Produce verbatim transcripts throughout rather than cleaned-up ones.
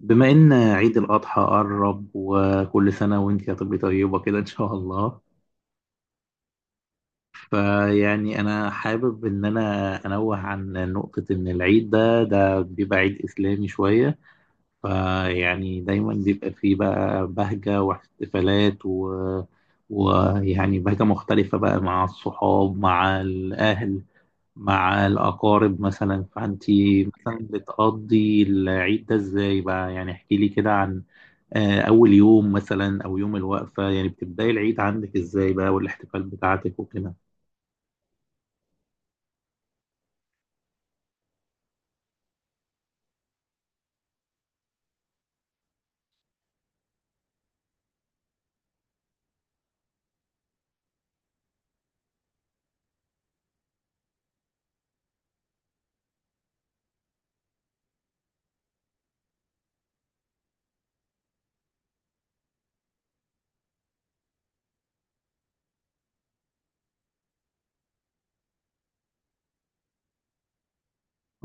بما إن عيد الأضحى قرب، وكل سنة وأنت يا طبي طيبة كده إن شاء الله. فيعني أنا حابب إن أنا أنوه عن نقطة إن العيد ده ده بيبقى عيد إسلامي شوية. فيعني دايما بيبقى فيه بقى بهجة واحتفالات و ويعني بهجة مختلفة بقى مع الصحاب، مع الأهل، مع الأقارب. مثلا، فأنت مثلا بتقضي العيد ده إزاي بقى؟ يعني احكي لي كده عن آه، أول يوم مثلا أو يوم الوقفة. يعني بتبداي العيد عندك إزاي بقى، والاحتفال بتاعتك وكده؟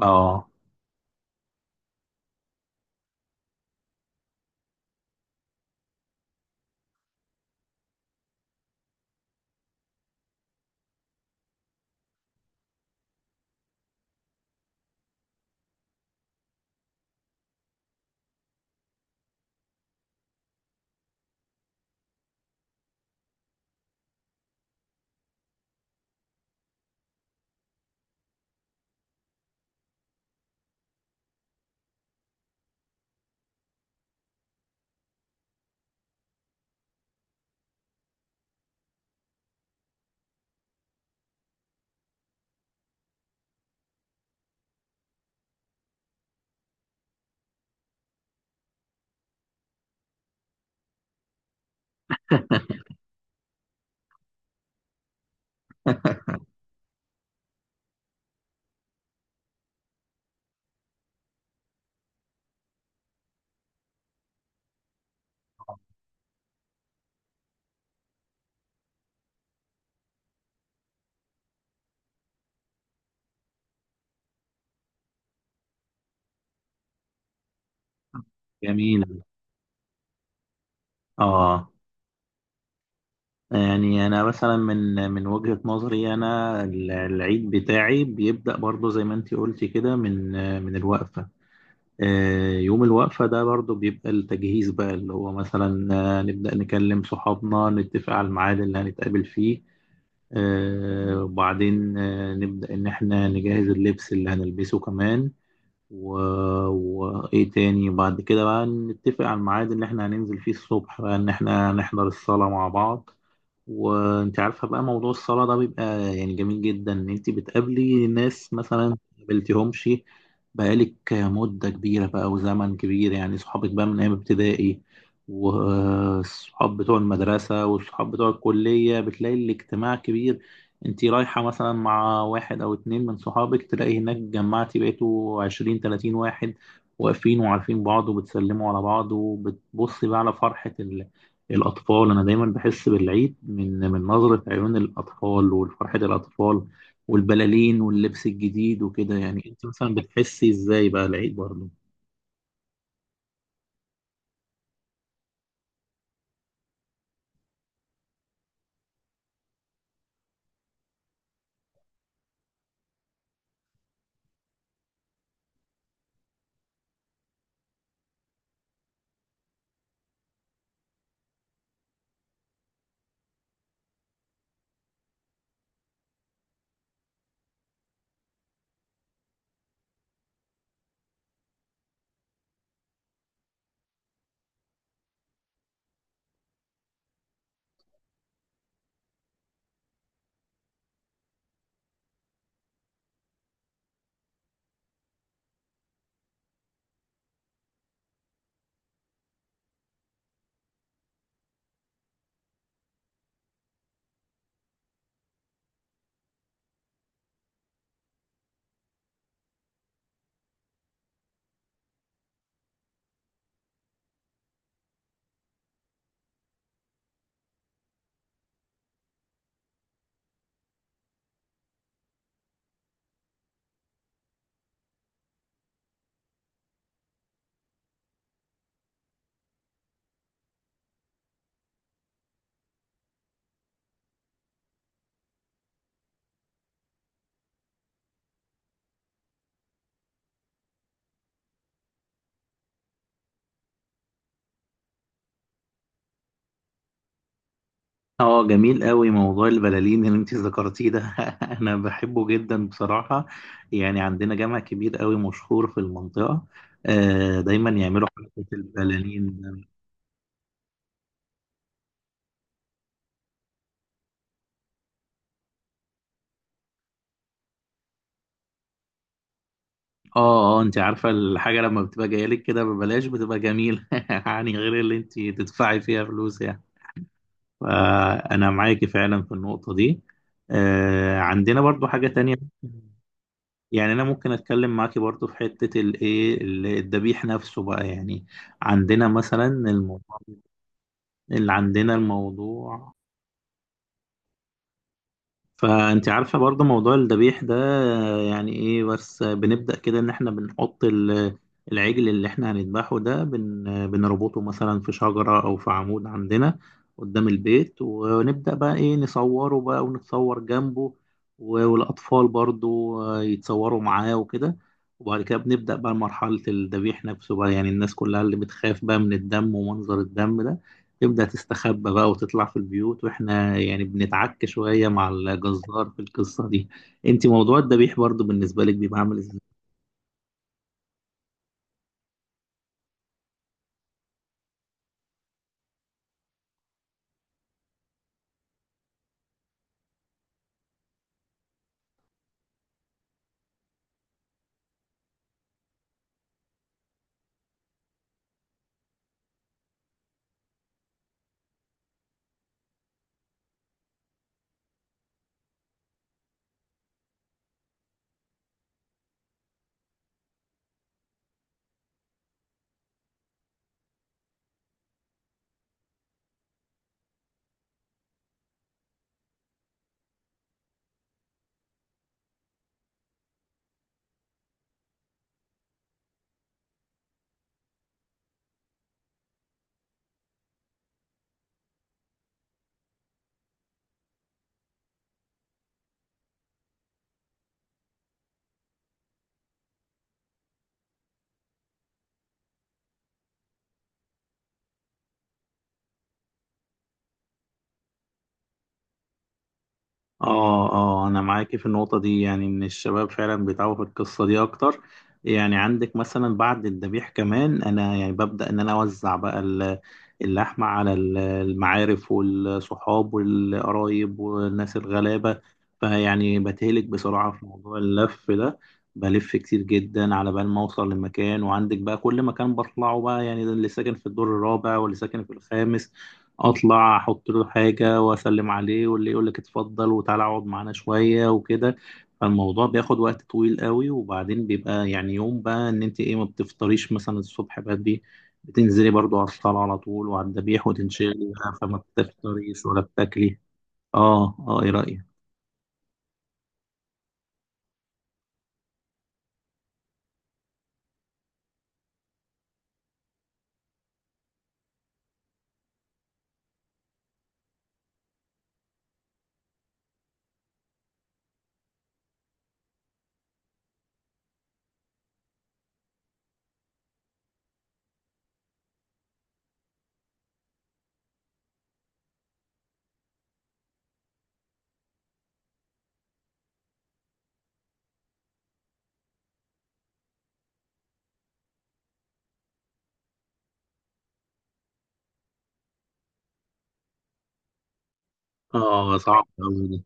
آه، جميل. آه، يعني أنا مثلا من من وجهة نظري أنا ال- العيد بتاعي بيبدأ برضه زي ما أنت قلتي كده من آه، من الوقفة. آه، يوم الوقفة ده برضو بيبقى التجهيز بقى، اللي هو مثلا آه، نبدأ نكلم صحابنا، نتفق على الميعاد اللي هنتقابل فيه. آه، وبعدين آه، نبدأ إن إحنا نجهز اللبس اللي هنلبسه كمان و... وإيه تاني بعد كده بقى، نتفق على الميعاد اللي إحنا هننزل فيه الصبح بقى، إن إحنا نحضر الصلاة مع بعض. وانت عارفه بقى موضوع الصلاه ده بيبقى يعني جميل جدا، ان انت بتقابلي ناس مثلا ما قابلتيهمش بقالك مده كبيره بقى وزمن كبير. يعني صحابك بقى من ايام ابتدائي، والصحاب بتوع المدرسه، والصحاب بتوع الكليه، بتلاقي الاجتماع كبير. انت رايحه مثلا مع واحد او اتنين من صحابك، تلاقي هناك جمعتي بقيتوا عشرين تلاتين واحد، واقفين وعارفين بعض وبتسلموا على بعض، وبتبصي بقى على فرحة الأطفال. أنا دايما بحس بالعيد من من نظرة عيون الأطفال، وفرحة الأطفال، والبلالين، واللبس الجديد وكده. يعني أنت مثلا بتحسي إزاي بقى العيد برضه؟ اه، جميل قوي موضوع البلالين اللي انت ذكرتيه ده. انا بحبه جدا بصراحة. يعني عندنا جامع كبير قوي مشهور في المنطقة، آه دايما يعملوا حركة البلالين ده. اه، اه، انت عارفة الحاجة لما بتبقى جاية لك كده ببلاش بتبقى جميلة، يعني غير اللي انت تدفعي فيها فلوس يعني. فأنا معاكي فعلا في النقطة دي. آه، عندنا برضو حاجة تانية. يعني أنا ممكن أتكلم معاكي برضو في حتة الإيه، ال- الذبيح نفسه بقى. يعني عندنا مثلا الموضوع اللي عندنا الموضوع. فانت عارفه برضه موضوع الذبيح ده، آه، يعني ايه، بس بنبدا كده ان احنا بنحط ال- العجل اللي احنا هنذبحه ده بن آه، بنربطه مثلا في شجره او في عمود عندنا قدام البيت، ونبدا بقى ايه، نصوره بقى ونتصور جنبه. و- والاطفال برضه آه، يتصوروا معاه وكده. وبعد كده بنبدا بقى مرحله الذبيح نفسه بقى. يعني الناس كلها اللي بتخاف بقى من الدم ومنظر الدم ده تبدأ تستخبى بقى وتطلع في البيوت، واحنا يعني بنتعك شوية مع الجزار في القصة دي. انت موضوع الذبيح برضو بالنسبة لك بيبقى عامل ازاي؟ اه، اه، انا معاكي في النقطة دي، يعني ان الشباب فعلا بيتعبوا في القصة دي اكتر. يعني عندك مثلا بعد الذبيح كمان، انا يعني ببدأ ان انا اوزع بقى ال- اللحمة على ال- المعارف والصحاب والقرايب والناس الغلابة. فيعني بتهلك بسرعة في موضوع اللف ده. بلف كتير جدا على بال ما اوصل لمكان، وعندك بقى كل مكان بطلعه بقى، يعني ده اللي ساكن في الدور الرابع واللي ساكن في الخامس، اطلع احط له حاجه واسلم عليه، واللي يقول لك اتفضل وتعالى اقعد معانا شويه وكده. فالموضوع بياخد وقت طويل قوي. وبعدين بيبقى يعني يوم بقى ان انت ايه، ما بتفطريش مثلا الصبح بدري، بتنزلي برضو على الصلاه على طول وعلى الذبيح، وتنشغلي بقى، فما بتفطريش ولا بتاكلي. اه، اه، ايه رايك؟ اه، صعب قوي ده.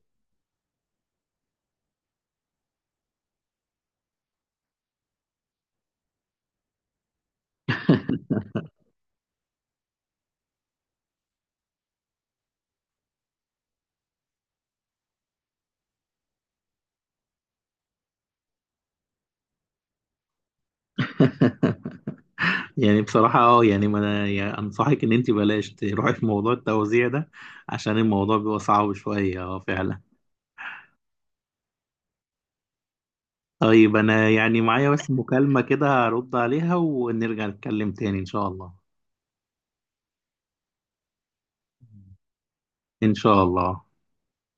يعني بصراحة، اه، يعني ما انا يعني انصحك ان انت بلاش تروحي في موضوع التوزيع ده، عشان الموضوع بيبقى صعب شوية، اه فعلا. طيب أنا يعني معايا بس مكالمة كده، هرد عليها ونرجع نتكلم تاني إن شاء الله. إن شاء الله.